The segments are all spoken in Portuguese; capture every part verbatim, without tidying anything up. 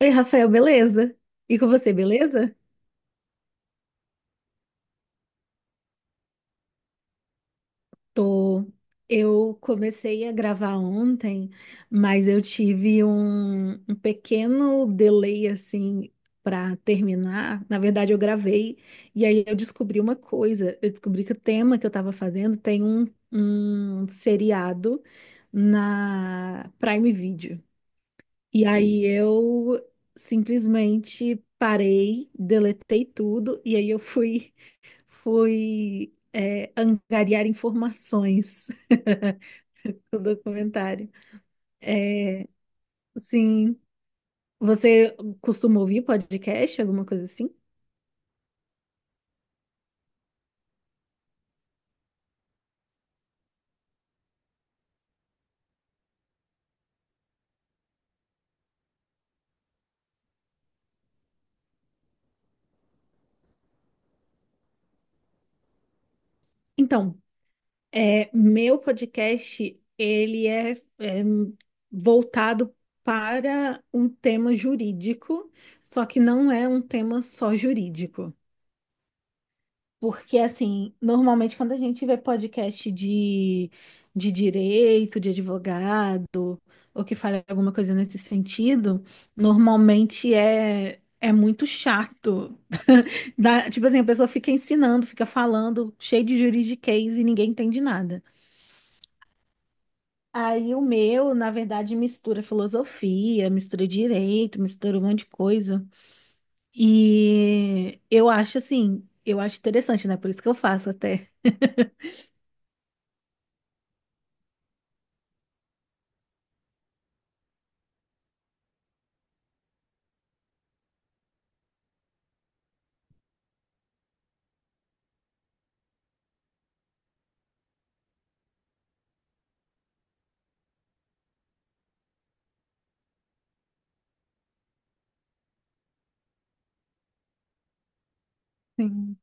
Oi, Rafael, beleza? E com você, beleza? Tô. Eu comecei a gravar ontem, mas eu tive um, um pequeno delay assim para terminar. Na verdade, eu gravei e aí eu descobri uma coisa. Eu descobri que o tema que eu estava fazendo tem um, um seriado na Prime Video. E aí eu simplesmente parei, deletei tudo e aí eu fui Fui, é, angariar informações do documentário. É, sim. Você costuma ouvir podcast, alguma coisa assim? Então, é, meu podcast, ele é, é voltado para um tema jurídico, só que não é um tema só jurídico. Porque, assim, normalmente quando a gente vê podcast de, de direito, de advogado, ou que fala alguma coisa nesse sentido, normalmente é, é muito chato. Dá- tipo assim, a pessoa fica ensinando, fica falando, cheio de juridiquês e ninguém entende nada. Aí o meu, na verdade, mistura filosofia, mistura direito, mistura um monte de coisa. E eu acho assim, eu acho interessante, né? Por isso que eu faço até. Sim.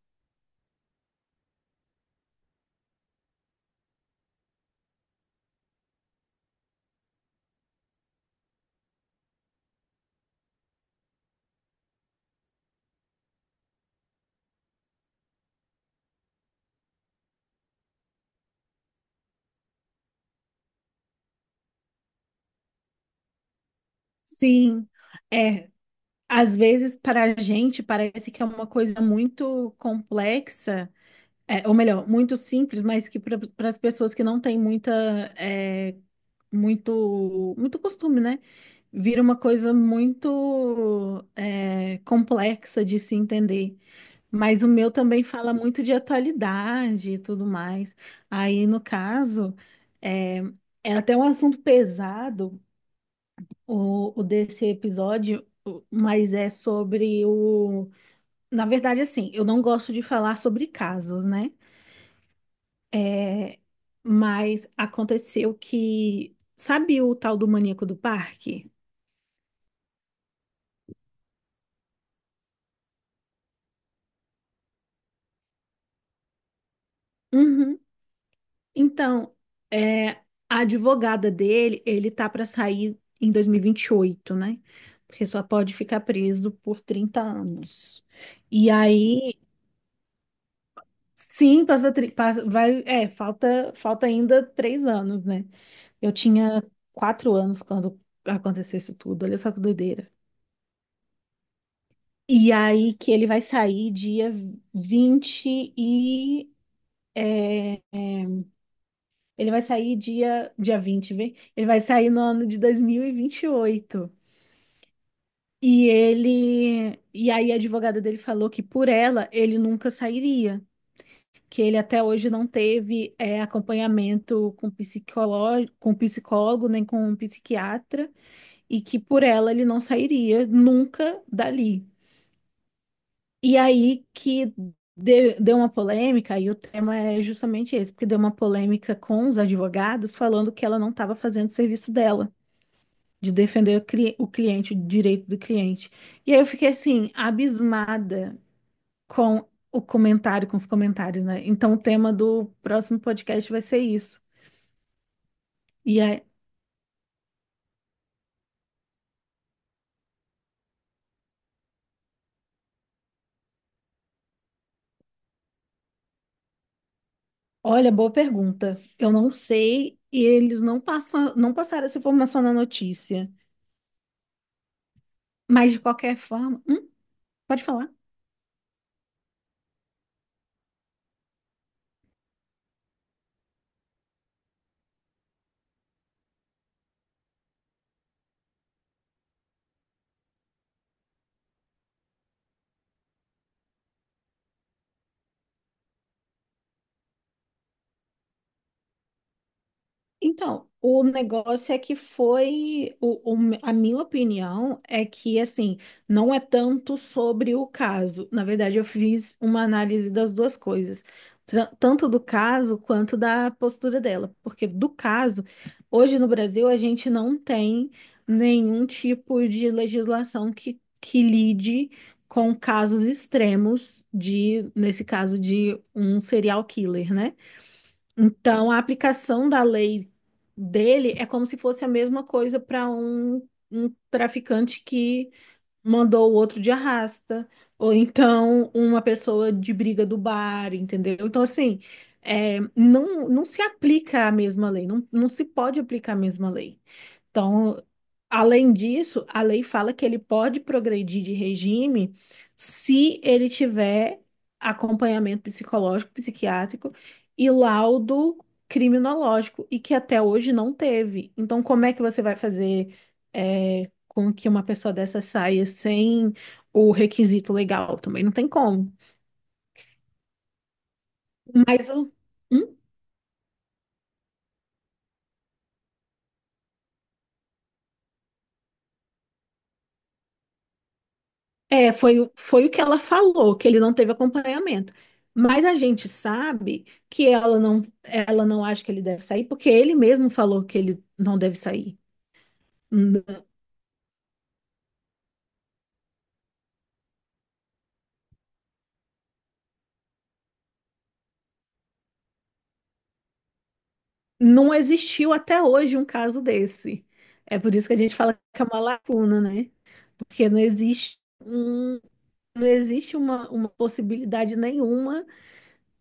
Sim, é. Às vezes, para a gente, parece que é uma coisa muito complexa, é, ou melhor, muito simples, mas que para as pessoas que não têm muita, é, muito, muito costume, né? Vira uma coisa muito, é, complexa de se entender. Mas o meu também fala muito de atualidade e tudo mais. Aí, no caso, é, é até um assunto pesado o, o desse episódio, o- mas é sobre o. Na verdade, assim, eu não gosto de falar sobre casos, né? É, mas aconteceu que. Sabe o tal do maníaco do parque? Uhum. Então, é, a advogada dele, ele tá para sair em dois mil e e vinte e oito, né? Porque só pode ficar preso por trinta anos. E aí, sim, passa, tri- passa- vai, é, falta, falta ainda três anos, né? Eu tinha quatro anos quando aconteceu isso tudo. Olha só que doideira. E aí que ele vai sair dia vinte e. é, ele vai sair dia, dia vinte, vem? Ele vai sair no ano de dois mil e vinte e oito. E vinte e oito. E ele. E aí a advogada dele falou que por ela ele nunca sairia. Que ele até hoje não teve é, acompanhamento com psicólogo, com psicólogo, nem com um psiquiatra. E que por ela ele não sairia nunca dali. E aí que de- deu uma polêmica, e o tema é justamente esse, porque deu uma polêmica com os advogados falando que ela não estava fazendo o serviço dela, de defender o, cli- o cliente, o direito do cliente. E aí eu fiquei assim, abismada com o comentário, com os comentários, né? Então o tema do próximo podcast vai ser isso. E aí, olha, boa pergunta. Eu não sei, e eles não passam, não passaram essa informação na notícia. Mas de qualquer forma, hum, pode falar. Então, o negócio é que foi, o, o me- a minha opinião é que, assim, não é tanto sobre o caso. Na verdade, eu fiz uma análise das duas coisas, tra- tanto do caso quanto da postura dela. Porque do caso, hoje no Brasil, a gente não tem nenhum tipo de legislação que, que lide com casos extremos de, nesse caso, de um serial killer, né? Então, a aplicação da lei dele é como se fosse a mesma coisa para um, um traficante que mandou o outro de arrasta, ou então uma pessoa de briga do bar, entendeu? Então, assim, é, não, não se aplica a mesma lei, não, não se pode aplicar a mesma lei. Então, além disso, a lei fala que ele pode progredir de regime se ele tiver acompanhamento psicológico, psiquiátrico e laudo criminológico, e que até hoje não teve. Então, como é que você vai fazer, é, com que uma pessoa dessa saia sem o requisito legal? Também não tem como. Mas o. É, foi, o- foi o que ela falou, que ele não teve acompanhamento. Mas a gente sabe que ela não, ela não acha que ele deve sair, porque ele mesmo falou que ele não deve sair. N- Não existiu até hoje um caso desse. É por isso que a gente fala que é uma lacuna, né? Porque não existe um, não existe uma, uma possibilidade nenhuma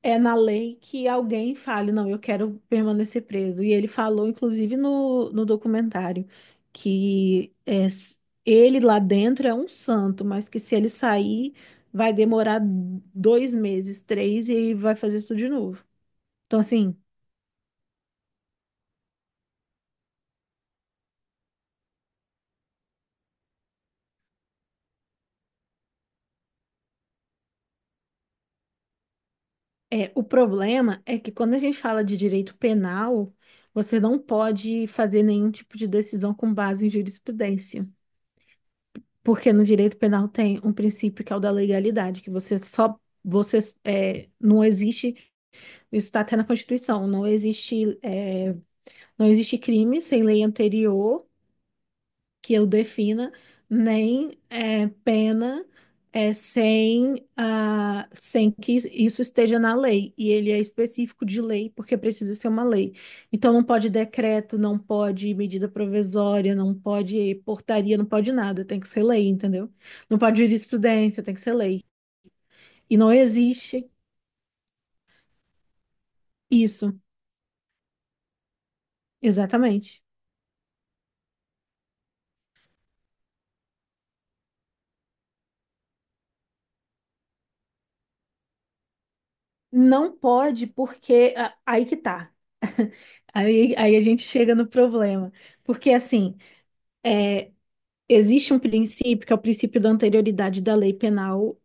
é na lei que alguém fale, não, eu quero permanecer preso. E ele falou, inclusive, no, no documentário, que é, s- ele lá dentro é um santo, mas que se ele sair, vai demorar dois meses, três, e aí vai fazer tudo de novo. Então, assim, é, o problema é que quando a gente fala de direito penal, você não pode fazer nenhum tipo de decisão com base em jurisprudência. Porque no direito penal tem um princípio que é o da legalidade, que você só você é, não existe, isso está até na Constituição, não existe é, não existe crime sem lei anterior que eu defina, nem é, pena é, sem, ah, sem que isso esteja na lei. E ele é específico de lei, porque precisa ser uma lei. Então não pode decreto, não pode medida provisória, não pode portaria, não pode nada, tem que ser lei, entendeu? Não pode jurisprudência, tem que ser lei. E não existe isso, exatamente. Não pode, porque ah, aí que tá. Aí, aí a gente chega no problema. Porque assim, existe um princípio que é o princípio da anterioridade da lei penal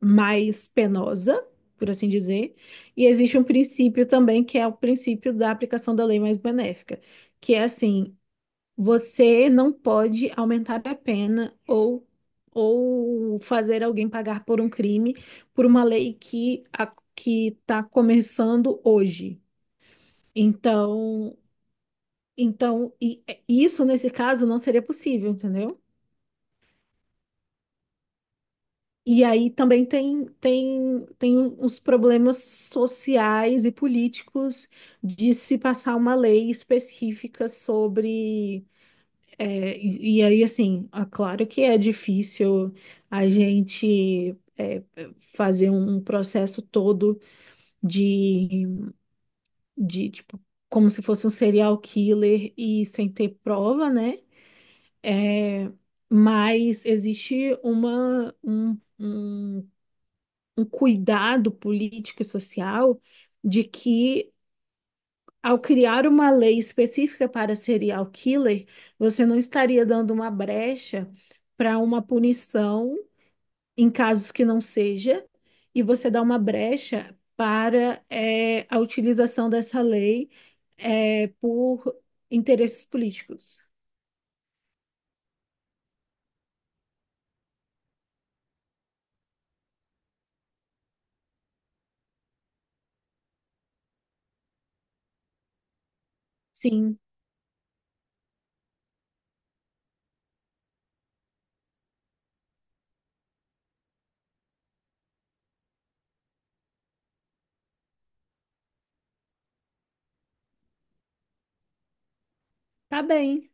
mais penosa, por assim dizer, e existe um princípio também que é o princípio da aplicação da lei mais benéfica, que é assim, você não pode aumentar a pena ou ou fazer alguém pagar por um crime por uma lei que a, que está começando hoje. Então, então e, e isso nesse caso não seria possível, entendeu? E aí também tem, tem, tem uns problemas sociais e políticos de se passar uma lei específica sobre. É, e, e aí, assim, é claro que é difícil a gente é, fazer um processo todo de, de, tipo, como se fosse um serial killer e sem ter prova, né? É, mas existe uma, um, um- um cuidado político e social de que, ao criar uma lei específica para serial killer, você não estaria dando uma brecha para uma punição em casos que não seja, e você dá uma brecha para eh, a utilização dessa lei eh, por interesses políticos. Sim, tá bem.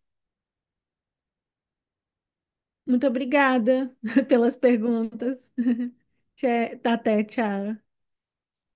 Muito obrigada pelas perguntas. Tchê- Até, tchau.